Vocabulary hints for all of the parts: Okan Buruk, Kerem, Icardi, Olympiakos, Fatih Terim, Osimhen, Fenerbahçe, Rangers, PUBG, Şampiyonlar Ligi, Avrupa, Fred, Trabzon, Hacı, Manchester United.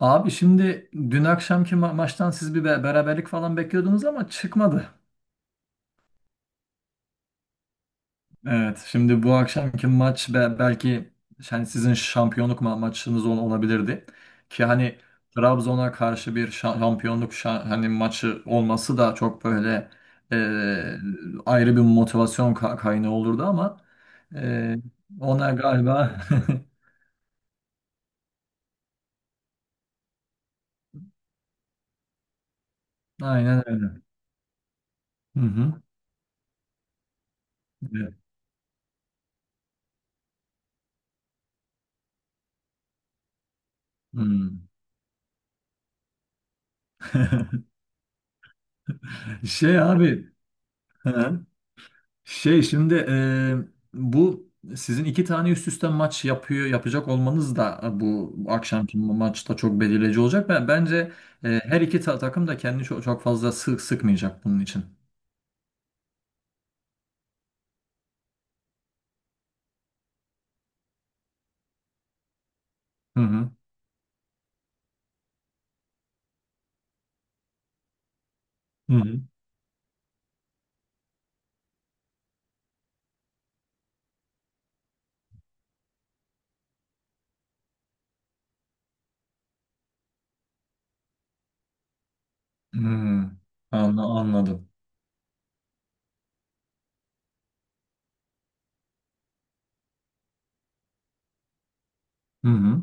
Abi şimdi dün akşamki maçtan siz bir beraberlik falan bekliyordunuz ama çıkmadı. Evet, şimdi bu akşamki maç belki yani sizin şampiyonluk maçınız olabilirdi. Ki hani Trabzon'a karşı bir şampiyonluk hani maçı olması da çok böyle e, ayrı bir motivasyon kaynağı olurdu ama e, ona galiba. Aynen öyle. Hı hı. Evet. Hmm. Şey abi. Şey şimdi bu sizin iki tane üst üste maç yapacak olmanız da bu akşamki maçta çok belirleyici olacak. Bence her iki takım da kendini çok, çok fazla sıkmayacak bunun için. Hı hı. Hı hı. Hı. Anladım. Hı hı.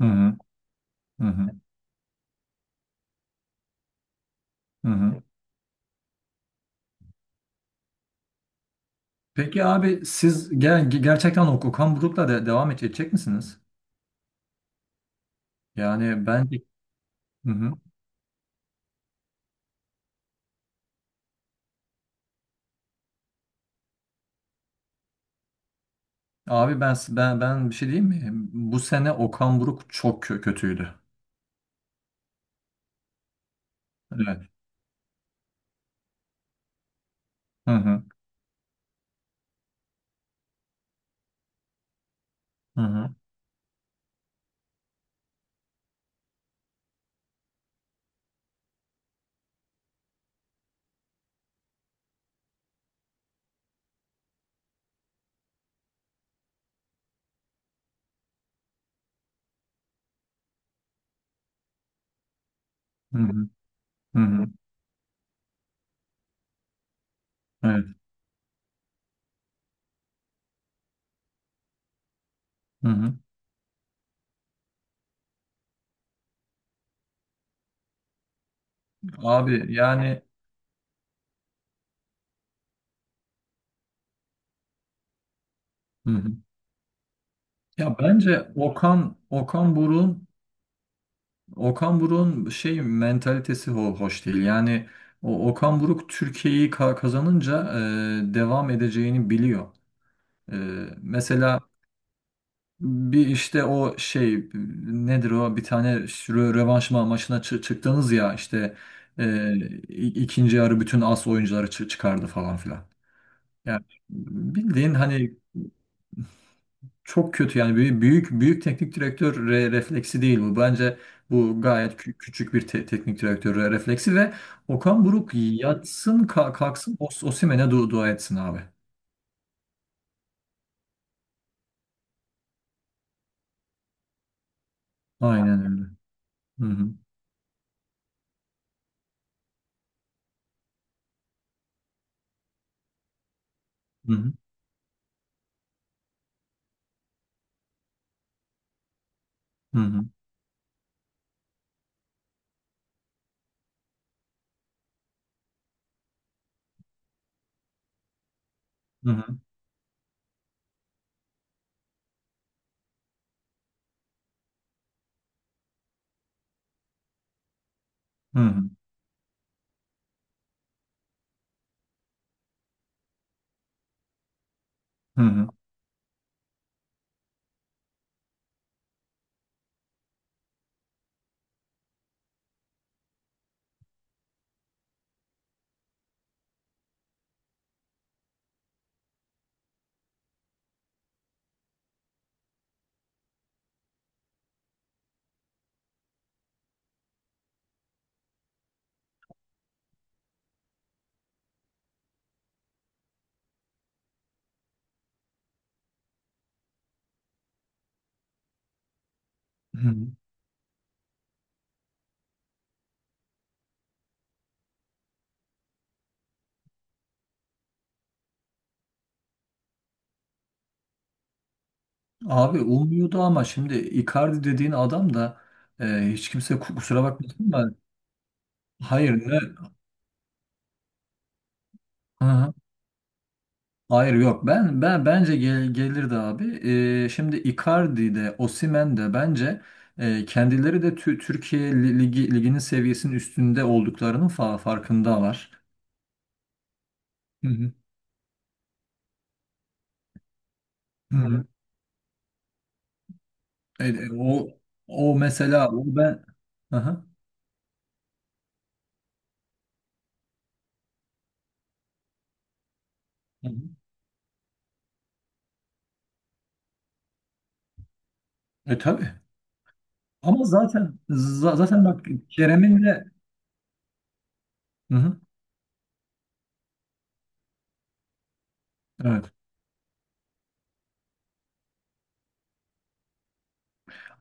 Hı hı. Hı hı. Hı hı. Peki abi siz gerçekten o Okan Buruk'la devam edecek misiniz? Yani ben. Hı hı. Abi ben bir şey diyeyim mi? Bu sene Okan Buruk çok kötüydü. Evet. Hı hı. Hı hı. Hı hı. Hı hı. Evet. Hı hı. Abi yani hı hı. Ya bence Okan Buruk'un şey mentalitesi hoş değil. Yani o Okan Buruk Türkiye'yi kazanınca devam edeceğini biliyor. E, mesela bir işte o şey nedir o bir tane rövanş maçına çıktınız ya işte e, ikinci yarı bütün as oyuncuları çıkardı falan filan. Yani bildiğin hani çok kötü yani büyük büyük, büyük teknik direktör refleksi değil bu. Bence bu gayet küçük bir teknik direktör refleksi ve Okan Buruk yatsın kalksın Osimhen'e dua etsin abi. Aynen öyle. Hı hı. Hı hı. Hı hı. Hı hı. Hı hı. Hı hı. Hı hı. Abi olmuyordu ama şimdi Icardi dediğin adam da e, hiç kimse kusura bakmasın da hayır ne. Hayır yok bence gelirdi abi. Şimdi Icardi de Osimhen de bence kendileri de Türkiye liginin seviyesinin üstünde olduklarının farkındalar. Hı hı. Hı hı. E, e, o o mesela o ben. Aha. Hı hı. Hı. E tabii. Ama zaten zaten bak Kerem'in de. Hı hı. Evet.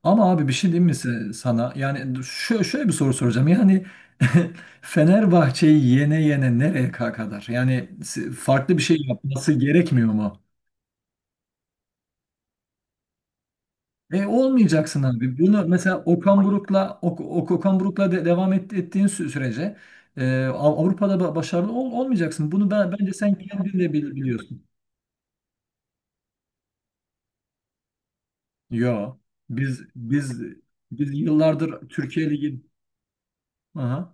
Ama abi bir şey diyeyim mi sana? Yani şöyle bir soru soracağım. Yani Fenerbahçe'yi yene yene nereye kadar? Yani farklı bir şey yapması gerekmiyor mu? E olmayacaksın abi. Bunu mesela Okan Buruk'la devam ettiğin sürece Avrupa'da başarılı olmayacaksın. Bunu bence sen kendin de biliyorsun. Yo. Biz biz biz yıllardır Türkiye Ligi. Aha.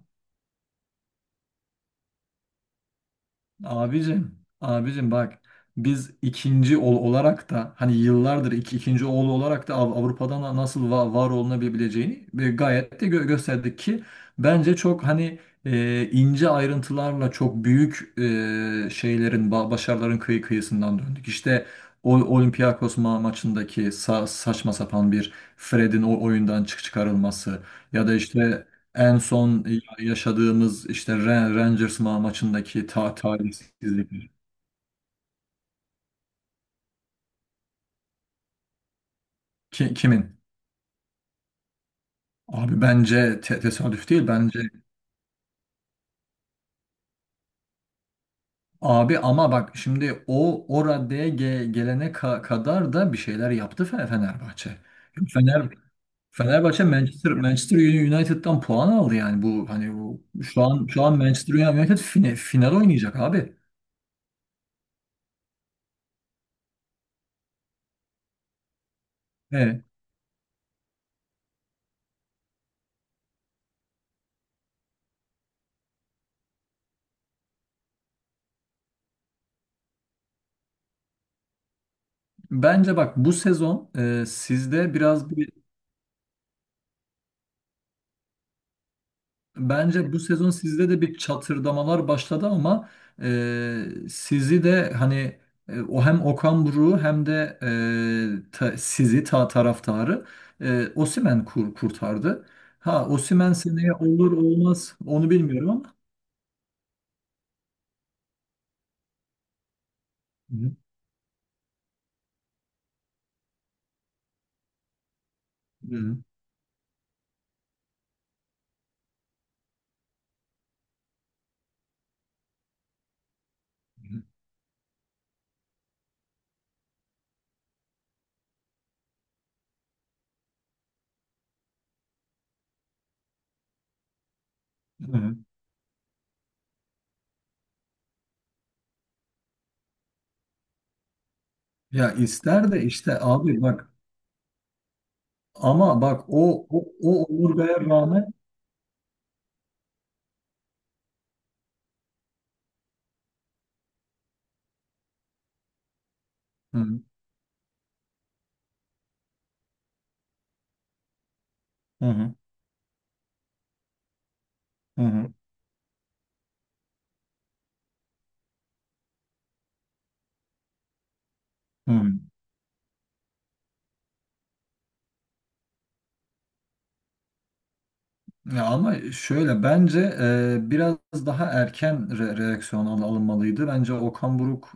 Abicim, abicim bak biz ikinci oğul olarak da hani yıllardır ikinci oğlu olarak da Avrupa'dan da nasıl var olunabileceğini gayet de gösterdik ki bence çok hani ince ayrıntılarla çok büyük başarıların kıyısından döndük. İşte o Olympiakos maçındaki saçma sapan bir Fred'in o oyundan çıkarılması, ya da işte en son yaşadığımız işte Rangers maçındaki talihsizlik. Kimin? Abi bence tesadüf değil bence. Abi ama bak şimdi o raddeye gelene kadar da bir şeyler yaptı Fenerbahçe. Fener Fenerbahçe Manchester United'dan puan aldı yani bu hani bu şu an Manchester United final oynayacak abi. Evet. Bence bak bu sezon e, sizde biraz Bence bu sezon sizde de bir çatırdamalar başladı ama. Sizi de hani, o hem Okan Buruk'u hem de, sizi taraftarı, Osimhen kurtardı. Ha Osimhen seneye olur olmaz onu bilmiyorum ama. Hı hı. Hı hı. Hı. Ya ister de işte abi bak ama bak o omurgaya rağmen. Hı hı. Hı hı. Hı hı. Hı. Ya ama şöyle bence biraz daha erken reaksiyon alınmalıydı. Bence Okan Buruk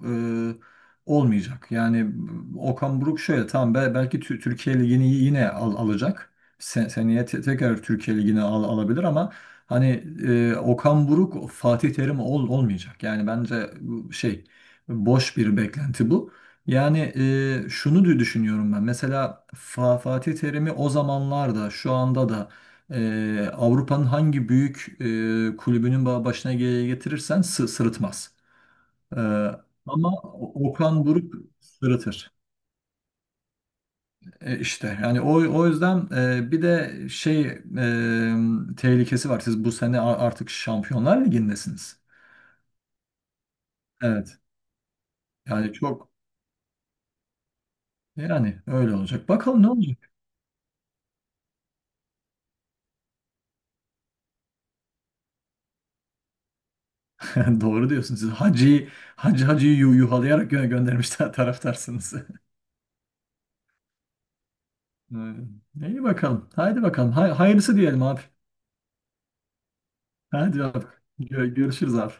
olmayacak. Yani Okan Buruk şöyle tamam belki Türkiye Ligi'ni yine alacak. Sen seneye tekrar Türkiye Ligi'ni alabilir ama hani Okan Buruk Fatih Terim olmayacak. Yani bence bu şey boş bir beklenti bu. Yani şunu düşünüyorum ben. Mesela Fatih Terim'i o zamanlarda şu anda da Avrupa'nın hangi büyük kulübünün başına getirirsen sırıtmaz. Ee, ama Okan Buruk sırıtır. İşte yani o yüzden bir de şey tehlikesi var. Siz bu sene artık Şampiyonlar Ligi'ndesiniz. Evet. Yani çok yani öyle olacak. Bakalım ne olacak. Doğru diyorsunuz. Siz Hacı'yı Hacı'yı yuhalayarak göndermişler taraftarsınız. İyi bakalım. Haydi bakalım. Hayırlısı diyelim abi. Hadi bak. Görüşürüz abi.